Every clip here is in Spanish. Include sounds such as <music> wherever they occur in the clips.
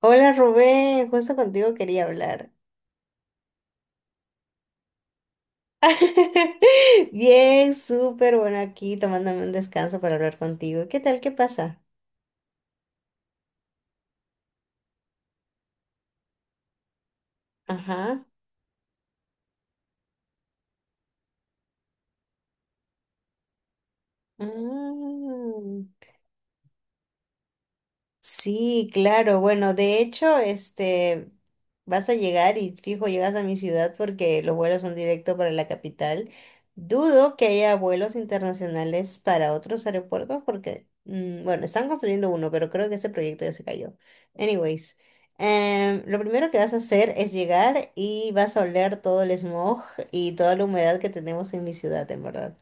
Hola Rubén, justo contigo quería hablar. <laughs> Bien, súper bueno aquí tomándome un descanso para hablar contigo. ¿Qué tal? ¿Qué pasa? Ajá. Mm. Sí, claro. Bueno, de hecho, vas a llegar y fijo, llegas a mi ciudad porque los vuelos son directo para la capital. Dudo que haya vuelos internacionales para otros aeropuertos porque, bueno, están construyendo uno, pero creo que ese proyecto ya se cayó. Anyways, lo primero que vas a hacer es llegar y vas a oler todo el smog y toda la humedad que tenemos en mi ciudad, en verdad.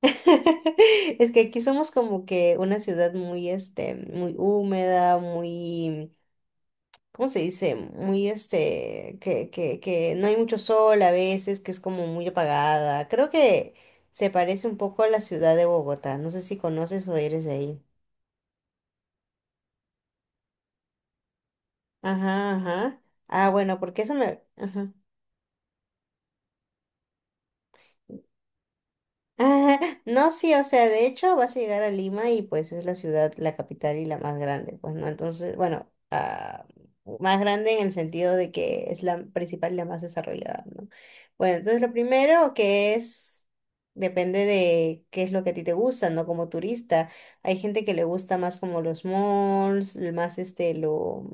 <laughs> Es que aquí somos como que una ciudad muy, muy húmeda, muy, ¿cómo se dice? Muy, que no hay mucho sol a veces, que es como muy apagada. Creo que se parece un poco a la ciudad de Bogotá. No sé si conoces o eres de ahí. Ajá, ajá. Ah, bueno, porque eso me. Ajá. <laughs> Ah, no, sí, o sea, de hecho vas a llegar a Lima y pues es la ciudad, la capital y la más grande, pues no, entonces, bueno, ah, más grande en el sentido de que es la principal y la más desarrollada, ¿no? Bueno, entonces lo primero que es, depende de qué es lo que a ti te gusta, ¿no? Como turista, hay gente que le gusta más como los malls, más lo,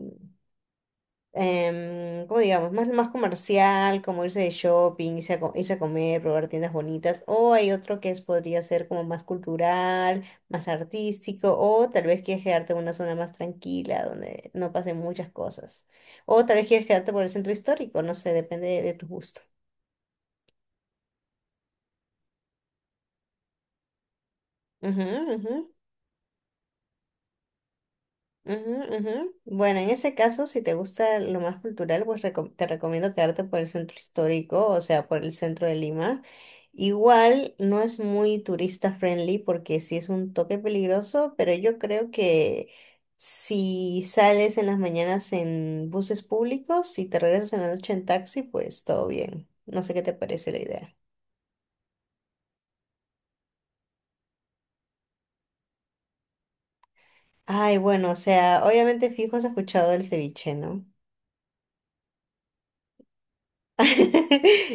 ¿cómo digamos? Más, más comercial, como irse de shopping, irse a, irse a comer, probar tiendas bonitas, o hay otro que es, podría ser como más cultural, más artístico, o tal vez quieres quedarte en una zona más tranquila, donde no pasen muchas cosas, o tal vez quieres quedarte por el centro histórico, no sé, depende de tu gusto. Ujú, ujú. Ujú, ujú. Bueno, en ese caso, si te gusta lo más cultural, pues te recomiendo quedarte por el centro histórico, o sea, por el centro de Lima. Igual no es muy turista friendly porque sí es un toque peligroso, pero yo creo que si sales en las mañanas en buses públicos, si te regresas en la noche en taxi, pues todo bien. No sé qué te parece la idea. Ay, bueno, o sea, obviamente fijo has escuchado el ceviche, ¿no? <laughs>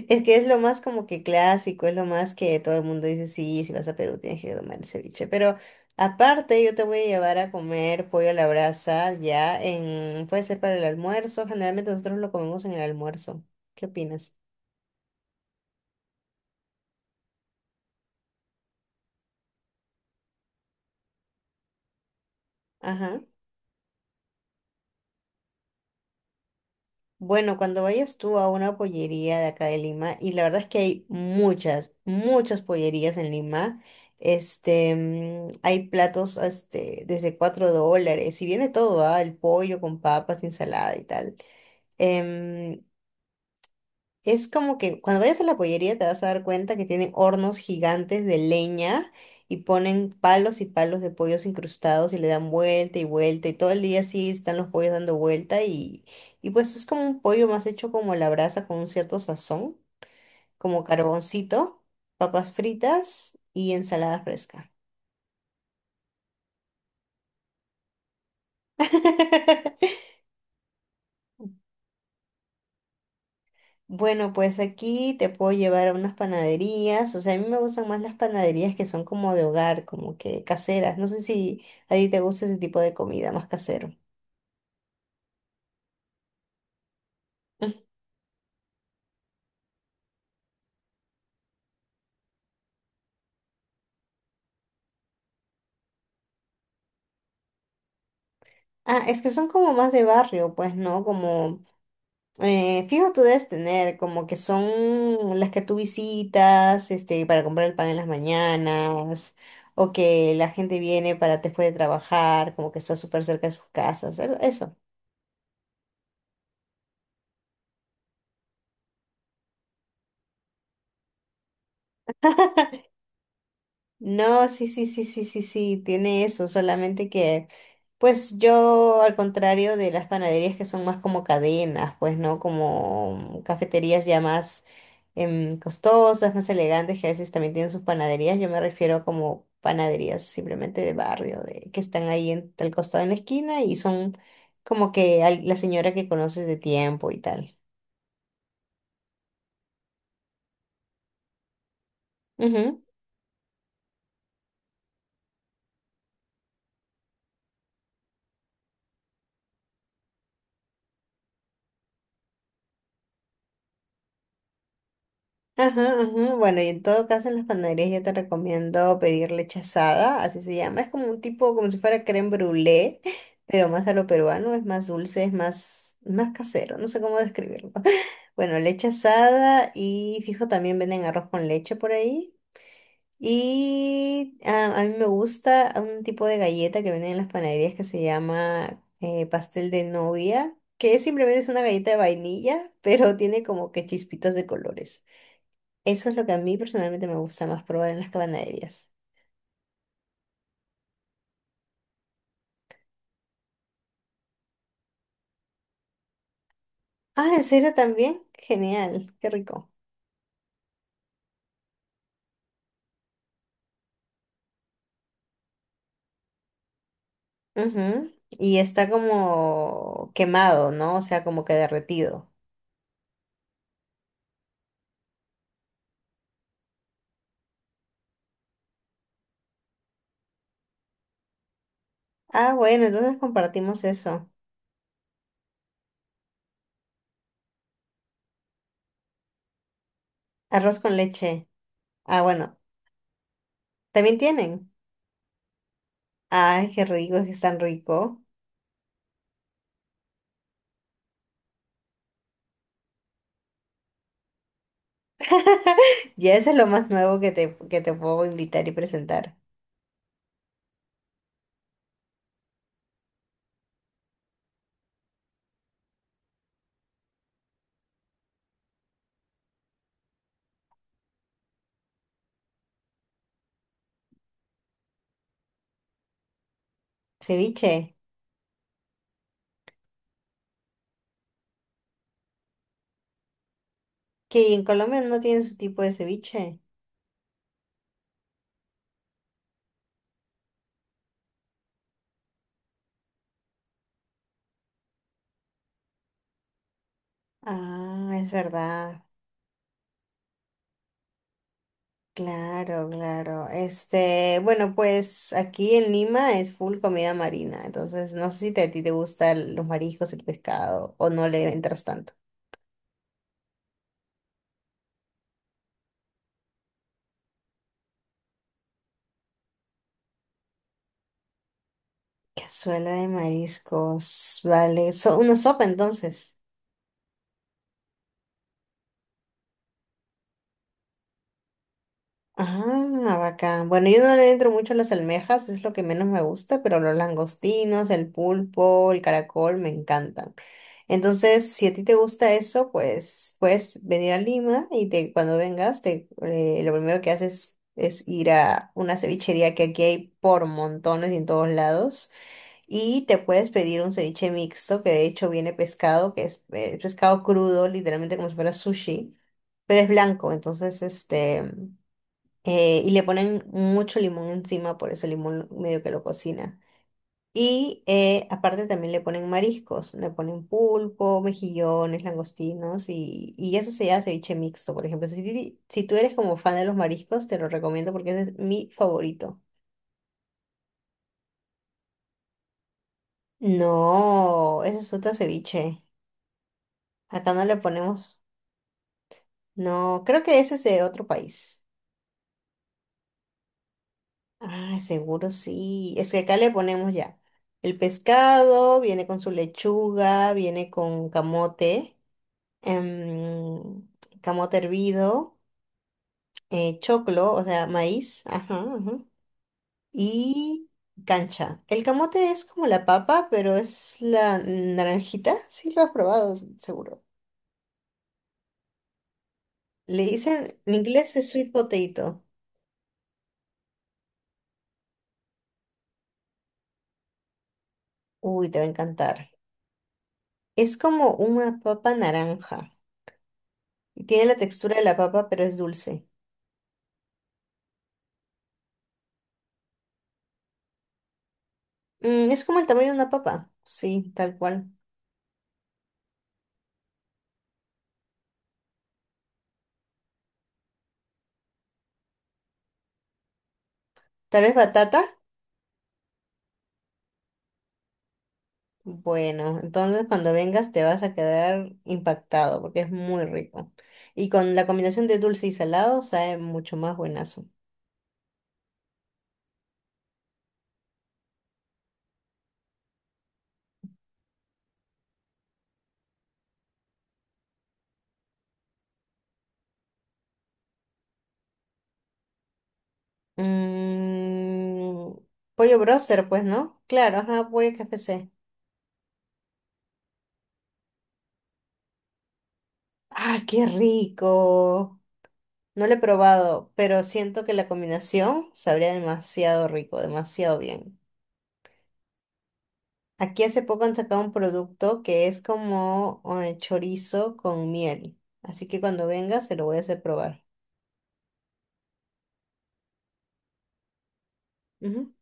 Es que es lo más como que clásico, es lo más que todo el mundo dice, sí, si vas a Perú tienes que tomar el ceviche. Pero aparte yo te voy a llevar a comer pollo a la brasa ya en, puede ser para el almuerzo, generalmente nosotros lo comemos en el almuerzo. ¿Qué opinas? Ajá. Bueno, cuando vayas tú a una pollería de acá de Lima, y la verdad es que hay muchas, muchas pollerías en Lima, hay platos desde $4, y viene todo, ¿ah? El pollo con papas, ensalada y tal. Em, es como que cuando vayas a la pollería te vas a dar cuenta que tienen hornos gigantes de leña y ponen palos y palos de pollos incrustados y le dan vuelta y vuelta y todo el día así están los pollos dando vuelta y pues es como un pollo más hecho como a la brasa con un cierto sazón, como carboncito, papas fritas y ensalada fresca. <laughs> Bueno, pues aquí te puedo llevar a unas panaderías, o sea, a mí me gustan más las panaderías que son como de hogar, como que caseras. No sé si a ti te gusta ese tipo de comida más casero. Mm. Ah, es que son como más de barrio, pues, ¿no? Como, fijo tú debes tener, como que son las que tú visitas, para comprar el pan en las mañanas, o que la gente viene para después de trabajar, como que está súper cerca de sus casas, eso. No, sí, sí, sí, sí, sí, sí, tiene eso, solamente que, pues yo, al contrario de las panaderías que son más como cadenas, pues, ¿no? Como cafeterías ya más costosas, más elegantes, que a veces también tienen sus panaderías, yo me refiero a como panaderías simplemente de barrio, de, que están ahí en tal costado en la esquina y son como que la señora que conoces de tiempo y tal. Ajá, ajá. Bueno, y en todo caso en las panaderías yo te recomiendo pedir leche asada, así se llama. Es como un tipo, como si fuera crème brûlée, <laughs> pero más a lo peruano, es más dulce, es más, más casero, no sé cómo describirlo. <laughs> Bueno, leche asada y fijo también venden arroz con leche por ahí. Y a mí me gusta un tipo de galleta que venden en las panaderías que se llama pastel de novia, que simplemente es una galleta de vainilla, <laughs> pero tiene como que chispitas de colores. Eso es lo que a mí personalmente me gusta más probar en las cabanerías. Ah, ¿en serio también? Genial, qué rico. Ujú. Y está como quemado, ¿no? O sea, como que derretido. Ah, bueno, entonces compartimos eso. Arroz con leche. Ah, bueno, también tienen. Ay, qué rico, es que es tan rico. <laughs> Ya eso es lo más nuevo que te puedo invitar y presentar. Ceviche. Que en Colombia no tienen su tipo de ceviche. Ah, es verdad. Claro, claro. Bueno, pues aquí en Lima es full comida marina, entonces no sé si a ti te gustan los mariscos, el pescado o no le entras tanto. Cazuela de mariscos, vale. So, una sopa entonces. Ah, bacán. Bueno, yo no le entro mucho a las almejas, es lo que menos me gusta, pero los langostinos, el pulpo, el caracol me encantan. Entonces, si a ti te gusta eso, pues puedes venir a Lima y te, cuando vengas, te, lo primero que haces es ir a una cevichería que aquí hay por montones y en todos lados. Y te puedes pedir un ceviche mixto, que de hecho viene pescado, que es, pescado crudo, literalmente como si fuera sushi, pero es blanco, entonces y le ponen mucho limón encima, por eso el limón medio que lo cocina. Y aparte también le ponen mariscos, le ponen pulpo, mejillones, langostinos y eso se llama ceviche mixto, por ejemplo. Si, si tú eres como fan de los mariscos, te lo recomiendo porque ese es mi favorito. No, ese es otro ceviche. Acá no le ponemos. No, creo que ese es de otro país. Ah, seguro sí. Es que acá le ponemos ya. El pescado viene con su lechuga, viene con camote, em, camote hervido. Choclo, o sea, maíz, ajá, ajá, y cancha. El camote es como la papa, pero es la naranjita, sí lo has probado, seguro. Le dicen, en inglés es sweet potato. Uy, te va a encantar. Es como una papa naranja y tiene la textura de la papa, pero es dulce. Mm, es como el tamaño de una papa, sí, tal cual. Tal vez batata. Bueno, entonces cuando vengas te vas a quedar impactado porque es muy rico. Y con la combinación de dulce y salado sabe mucho más buenazo. Mm, Pollo broster, pues, ¿no? Claro, ajá, pollo KFC. ¡Ah, qué rico! No lo he probado, pero siento que la combinación sabría demasiado rico, demasiado bien. Aquí hace poco han sacado un producto que es como chorizo con miel. Así que cuando vengas se lo voy a hacer probar. Ujú.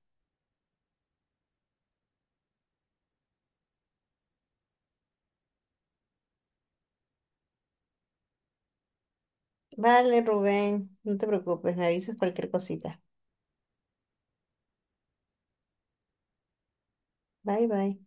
Vale, Rubén, no te preocupes, me avisas cualquier cosita. Bye, bye.